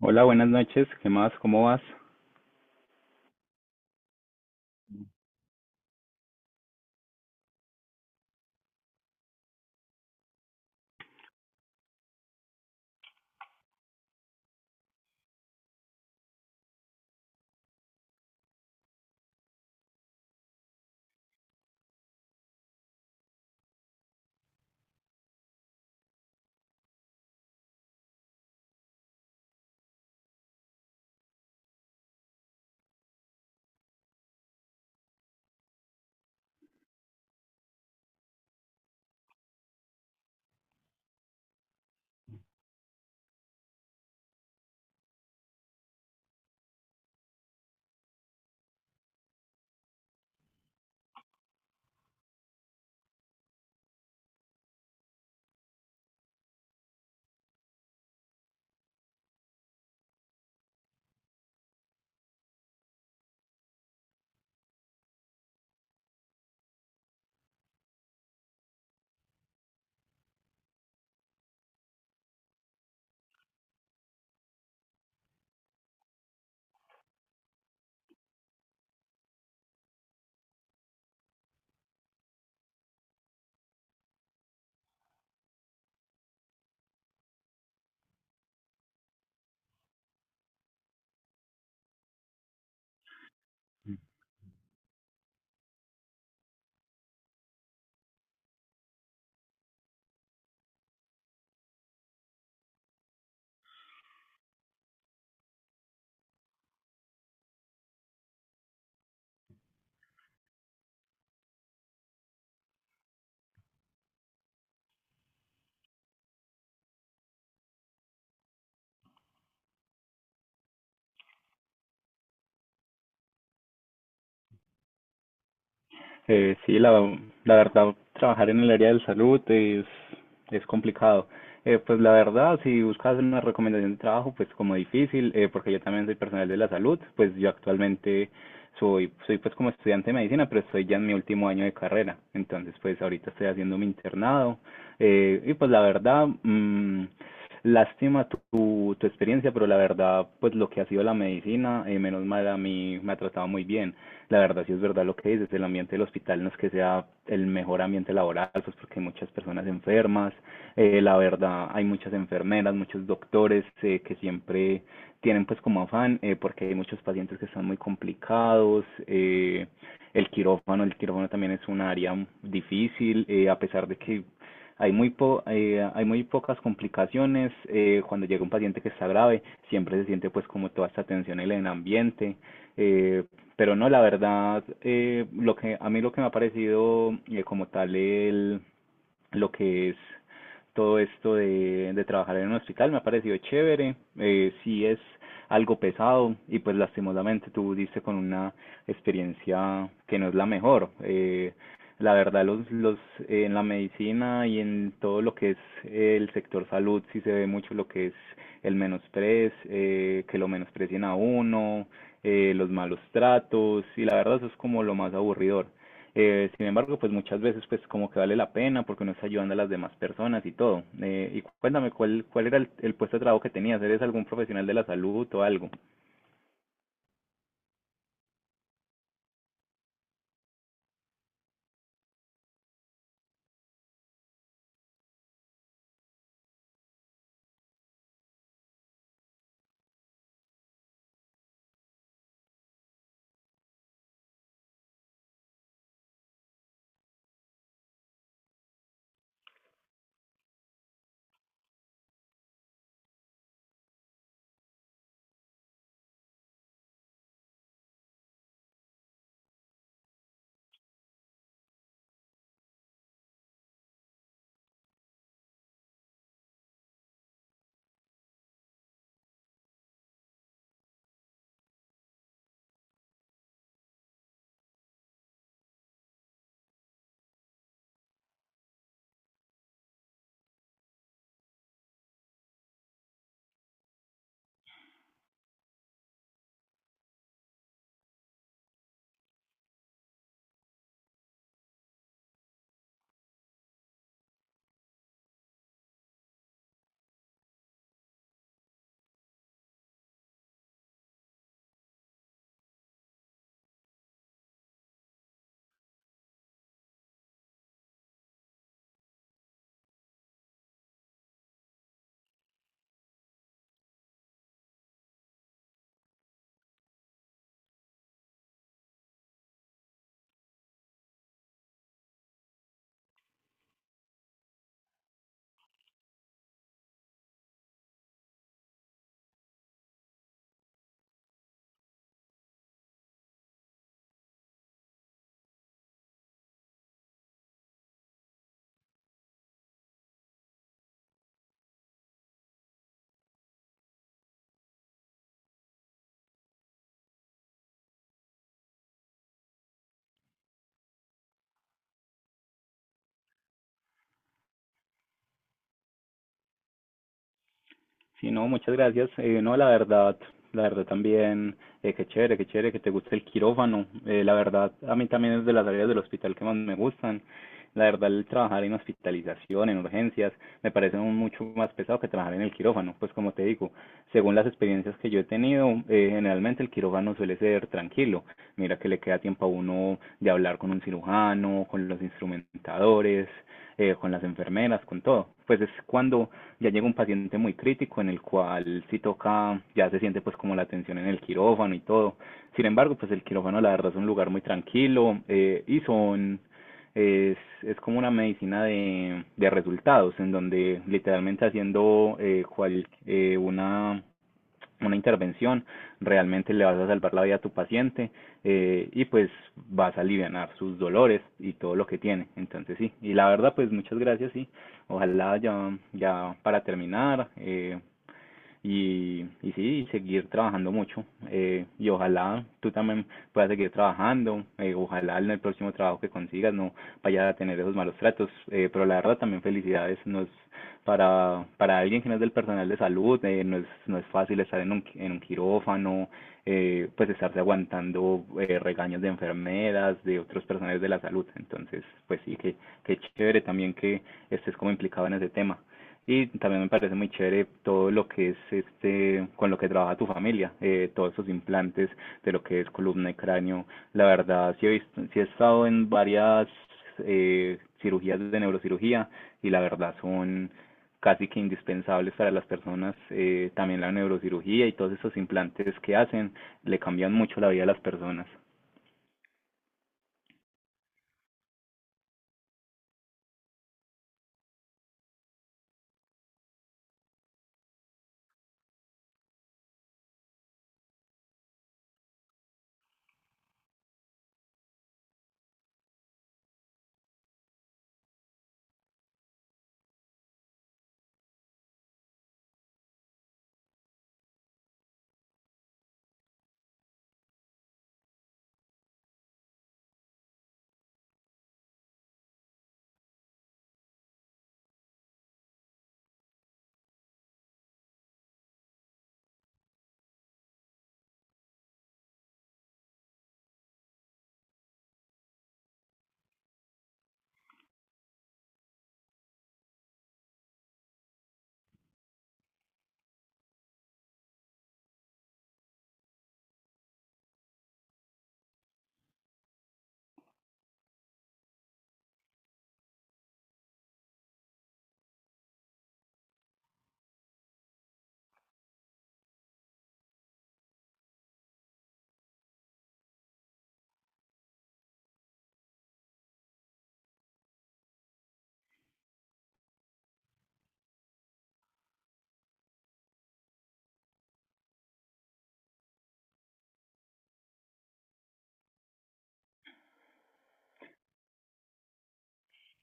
Hola, buenas noches. ¿Qué más? ¿Cómo vas? Sí, la verdad, trabajar en el área de salud es complicado. Pues la verdad, si buscas una recomendación de trabajo, pues como difícil, porque yo también soy personal de la salud, pues yo actualmente soy, pues como estudiante de medicina, pero estoy ya en mi último año de carrera. Entonces, pues ahorita estoy haciendo mi internado. Y pues la verdad, lástima tu experiencia, pero la verdad, pues lo que ha sido la medicina, menos mal a mí me ha tratado muy bien. La verdad, sí es verdad lo que dices, el ambiente del hospital no es que sea el mejor ambiente laboral, pues porque hay muchas personas enfermas, la verdad, hay muchas enfermeras, muchos doctores que siempre tienen pues como afán, porque hay muchos pacientes que están muy complicados, el quirófano también es un área difícil, a pesar de que hay muy pocas complicaciones. Cuando llega un paciente que está grave, siempre se siente pues como toda esta tensión en el ambiente. eh, pero no, la verdad, lo que, a mí lo que me ha parecido lo que es todo esto de trabajar en un hospital me ha parecido chévere, sí es algo pesado y pues lastimosamente tú diste con una experiencia que no es la mejor, la verdad, los, en la medicina y en todo lo que es el sector salud, sí se ve mucho lo que es el menosprez, que lo menosprecien a uno, los malos tratos, y la verdad eso es como lo más aburridor. Sin embargo, pues muchas veces pues como que vale la pena porque uno está ayudando a las demás personas y todo. Y cuéntame, ¿cuál era el puesto de trabajo que tenías? ¿Eres algún profesional de la salud o algo? Sí, no, muchas gracias. No, la verdad también, qué chévere que te guste el quirófano. La verdad, a mí también es de las áreas del hospital que más me gustan. La verdad, el trabajar en hospitalización, en urgencias, me parece un mucho más pesado que trabajar en el quirófano, pues como te digo. Según las experiencias que yo he tenido, generalmente el quirófano suele ser tranquilo. Mira que le queda tiempo a uno de hablar con un cirujano, con los instrumentadores, con las enfermeras, con todo. Pues es cuando ya llega un paciente muy crítico en el cual si toca, ya se siente pues como la tensión en el quirófano y todo. Sin embargo, pues el quirófano la verdad es un lugar muy tranquilo y son es como una medicina de resultados, en donde literalmente haciendo una intervención, realmente le vas a salvar la vida a tu paciente y pues vas a aliviar sus dolores y todo lo que tiene. Entonces sí, y la verdad pues muchas gracias, sí. Ojalá ya, ya para terminar y sí, y seguir trabajando mucho y ojalá tú también puedas seguir trabajando, ojalá en el próximo trabajo que consigas no vayas a tener esos malos tratos, pero la verdad también felicidades, nos para alguien que no es del personal de salud, no es fácil estar en un quirófano, pues estarse aguantando regaños de enfermeras, de otros personales de la salud. Entonces, pues sí, que chévere también que estés como implicado en ese tema. Y también me parece muy chévere todo lo que es este, con lo que trabaja tu familia, todos esos implantes de lo que es columna y cráneo. La verdad, sí he visto, sí he estado en varias cirugías de neurocirugía y la verdad son casi que indispensables para las personas, también la neurocirugía y todos esos implantes que hacen le cambian mucho la vida a las personas.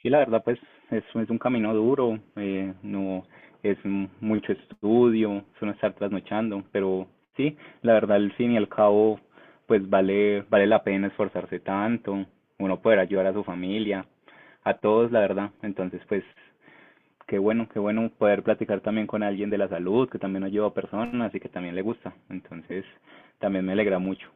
Sí, la verdad, pues es un camino duro, no es mucho estudio, es no estar trasnochando, pero sí, la verdad, al fin y al cabo, pues vale, vale la pena esforzarse tanto, uno poder ayudar a su familia, a todos, la verdad. Entonces, pues qué bueno, qué bueno poder platicar también con alguien de la salud, que también ayuda a personas y que también le gusta. Entonces, también me alegra mucho.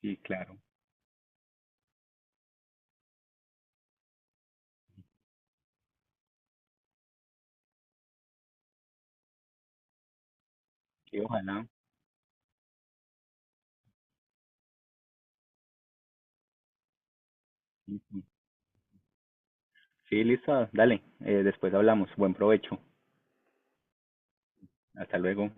Sí, claro. Y ojalá. Sí, listo, dale. Después hablamos. Buen provecho. Hasta luego.